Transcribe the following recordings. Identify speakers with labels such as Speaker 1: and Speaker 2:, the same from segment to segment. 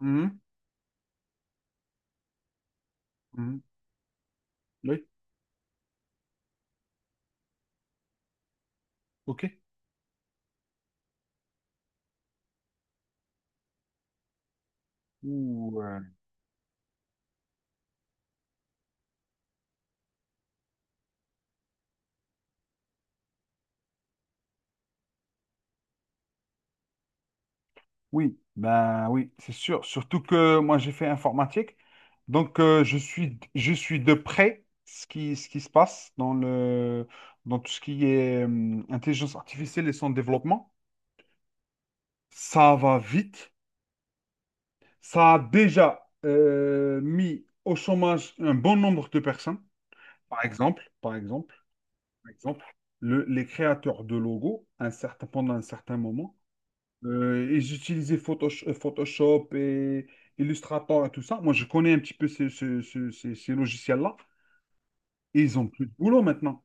Speaker 1: Mhm, mhm. Oui, ok. Ouh, euh, oui, ben oui, c'est sûr. Surtout que moi j'ai fait informatique, donc je suis de près ce qui se passe dans tout ce qui est intelligence artificielle et son développement. Ça va vite. Ça a déjà mis au chômage un bon nombre de personnes. Par exemple, par exemple, par exemple, les créateurs de logos, pendant un certain moment. Et j'utilisais Photoshop et Illustrator et tout ça. Moi, je connais un petit peu ces, ce- ce- ces- ces logiciels-là. Et ils ont plus de boulot maintenant.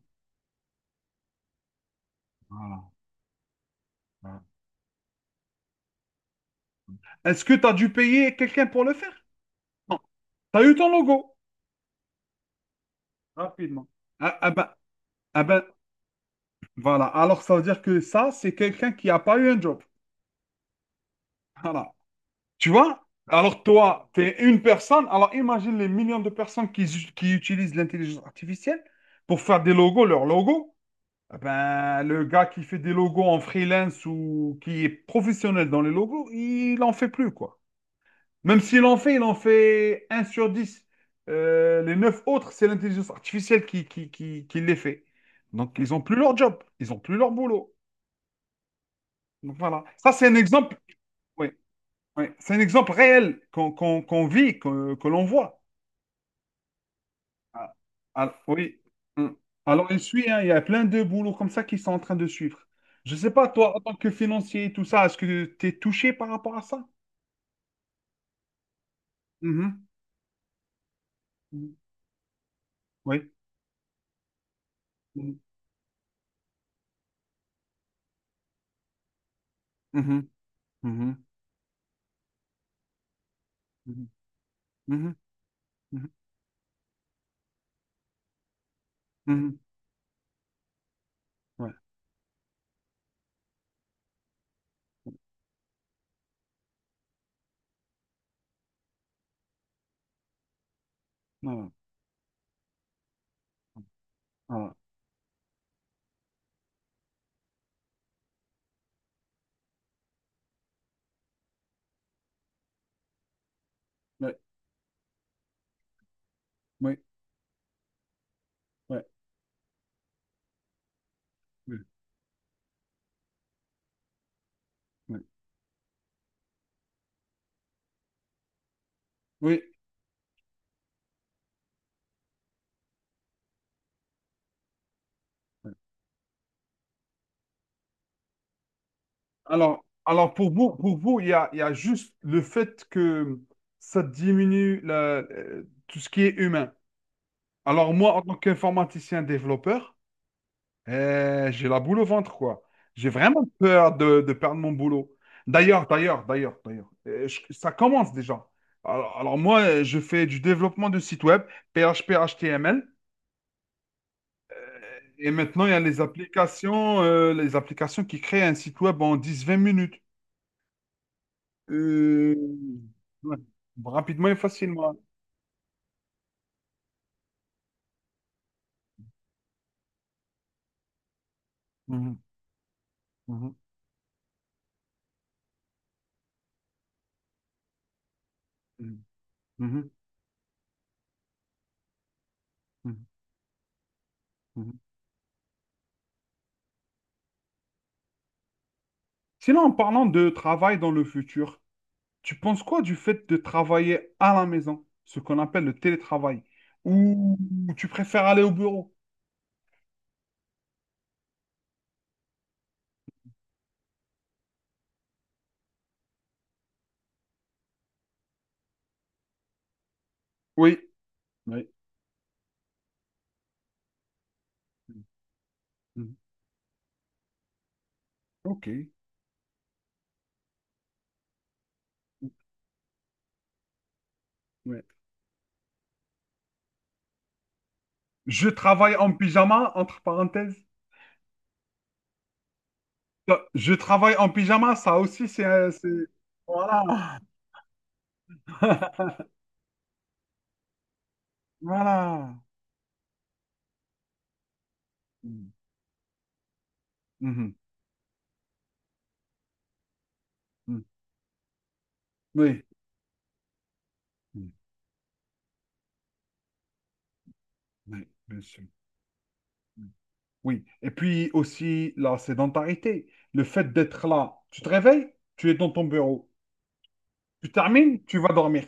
Speaker 1: Voilà. Voilà. Est-ce que tu as dû payer quelqu'un pour le faire? Non. Tu as eu ton logo rapidement. Ah, ah ben, ah ben, voilà. Alors, ça veut dire que ça, c'est quelqu'un qui n'a pas eu un job. Voilà. Tu vois? Alors, toi, tu es une personne. Alors, imagine les millions de personnes qui utilisent l'intelligence artificielle pour faire des logos, leurs logos. Ah ben, le gars qui fait des logos en freelance ou qui est professionnel dans les logos, il en fait plus, quoi. Même s'il en fait, il en fait un sur 10. Les 9 autres, c'est l'intelligence artificielle qui les fait. Donc, ils n'ont plus leur job, ils n'ont plus leur boulot. Donc, voilà. Ça, c'est un exemple, oui, oui. C'est un exemple réel qu'on vit, que l'on voit. Ah, ah, oui. Hmm. Alors, il suit, hein, il y a plein de boulots comme ça qui sont en train de suivre. Je sais pas, toi, en tant que financier et tout ça, est-ce que tu es touché par rapport à ça? Mhm. Mhm. Oui. Mhm. Mhm. Mhm. Mhm. Mhm. Mhm. Mhm. Ouais. Ah, ah, ouais. Oui. Oui, ouais. Oui. Oui. Oui. Ouais. Alors, pour vous, pour vous, il y a juste le fait que ça diminue tout ce qui est humain. Alors, moi, en tant qu'informaticien développeur, j'ai la boule au ventre, quoi. J'ai vraiment peur de perdre mon boulot. D'ailleurs, ça commence déjà. Alors, moi, je fais du développement de sites web, PHP, HTML, et maintenant, il y a les applications qui créent un site web en dix, vingt minutes. Euh, ouais, rapidement et facilement. Mhm, mhm, mhm, mhm, mhm, mhm. Sinon, en parlant de travail dans le futur, tu penses quoi du fait de travailler à la maison, ce qu'on appelle le télétravail, ou tu préfères aller au bureau? Oui. Oui. Mhm. Ok. Ouais. Je travaille en pyjama, entre parenthèses. Ça, je travaille en pyjama, ça aussi, c'est- Voilà. Voilà. Mhm. Mhm. Mhm. Oui. Mhm. Oui, bien sûr. Mhm. Oui. Et puis aussi la sédentarité, le fait d'être là. Tu te réveilles, tu es dans ton bureau. Tu termines, tu vas dormir.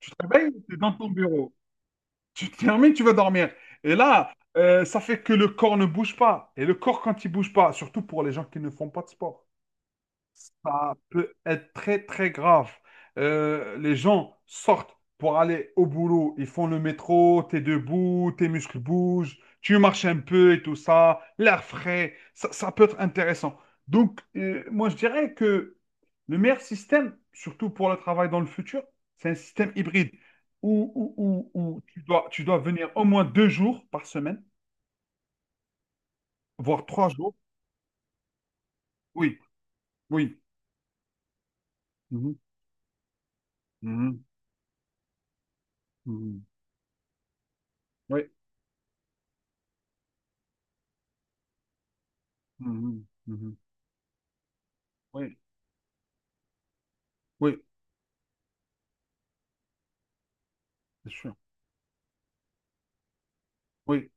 Speaker 1: Tu te réveilles, tu es dans ton bureau. Tu te termines, tu vas dormir. Et là, ça fait que le corps ne bouge pas. Et le corps, quand il bouge pas, surtout pour les gens qui ne font pas de sport, ça peut être très, très grave. Les gens sortent pour aller au boulot. Ils font le métro, t'es debout, tes muscles bougent, tu marches un peu et tout ça, l'air frais. Ça peut être intéressant. Donc, moi, je dirais que le meilleur système, surtout pour le travail dans le futur, c'est un système hybride où tu dois venir au moins deux jours par semaine, voire trois jours. Oui, oui. Mhm, mhm, mhm. Oui. Mhm, mhm. Oui, oui, bien sûr. Oui,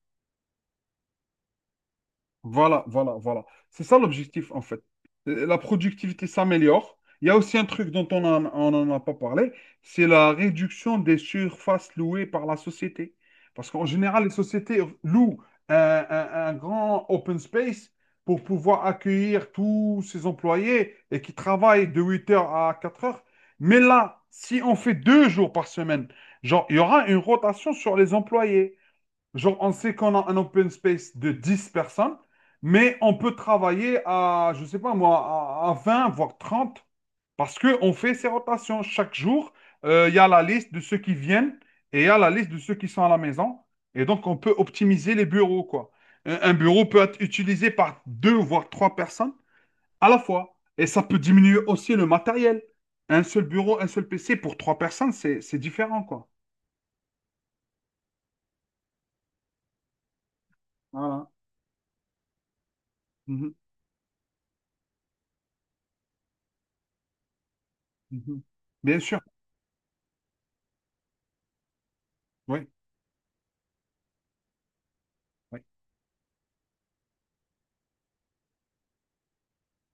Speaker 1: voilà, voilà, voilà. C'est ça l'objectif, en fait. La productivité s'améliore. Il y a aussi un truc dont on n'en a pas parlé, c'est la réduction des surfaces louées par la société. Parce qu'en général, les sociétés louent un grand open space pour pouvoir accueillir tous ses employés et qui travaillent de 8 heures à 4 heures. Mais là, si on fait deux jours par semaine, genre, il y aura une rotation sur les employés. Genre, on sait qu'on a un open space de 10 personnes, mais on peut travailler à, je sais pas moi, à 20, voire 30 parce qu'on fait ces rotations. Chaque jour, il y a la liste de ceux qui viennent et il y a la liste de ceux qui sont à la maison. Et donc, on peut optimiser les bureaux, quoi. Un bureau peut être utilisé par deux, voire trois personnes à la fois. Et ça peut diminuer aussi le matériel. Un seul bureau, un seul PC pour trois personnes, c'est différent, quoi. Voilà. Mhm, mhm. Bien sûr. Oui. Oui.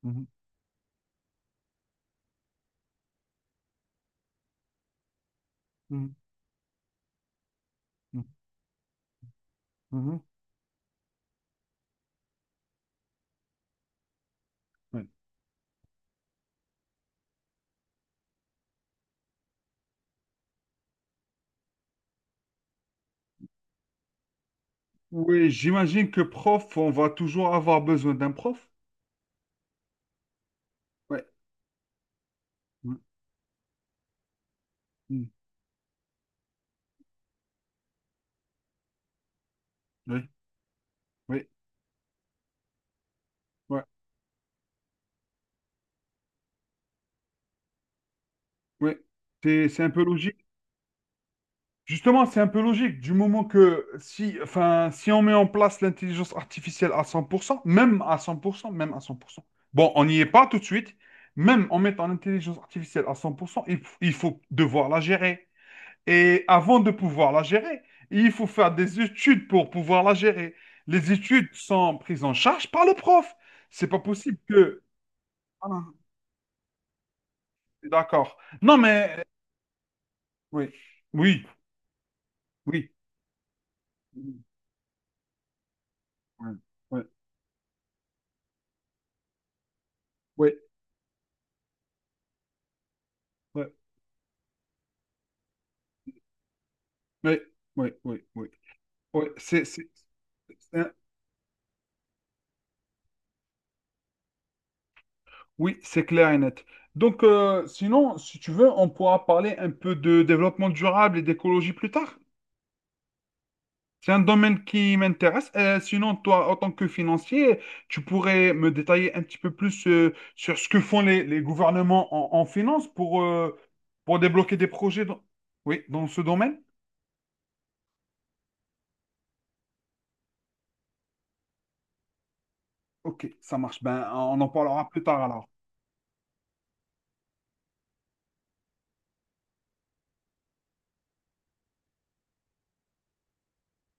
Speaker 1: Mhm, mhm, mhm, mhm, ouais. Oui, j'imagine que prof, on va toujours avoir besoin d'un prof. Ouais. Mhm, mhm, oui, oui, ouais, ouais. C'est un peu logique. Justement, c'est un peu logique du moment que si, enfin, si on met en place l'intelligence artificielle à 100%, même à 100%. Bon, on n'y est pas tout de suite. Même en mettant l'intelligence artificielle à 100%, il faut devoir la gérer. Et avant de pouvoir la gérer, il faut faire des études pour pouvoir la gérer. Les études sont prises en charge par le prof. C'est pas possible que. Ah, d'accord. Non, mais. Oui, oui, oui. Oui, oui, oui, oui, oui, oui, oui. Oui. Oui, c'est- oui, c'est clair et net. Donc, sinon, si tu veux, on pourra parler un peu de développement durable et d'écologie plus tard. C'est un domaine qui m'intéresse. Sinon, toi, en tant que financier, tu pourrais me détailler un petit peu plus sur ce que font les gouvernements en finance pour débloquer des projets dans, oui, dans ce domaine? Ok, ça marche. Ben, on en parlera plus tard alors.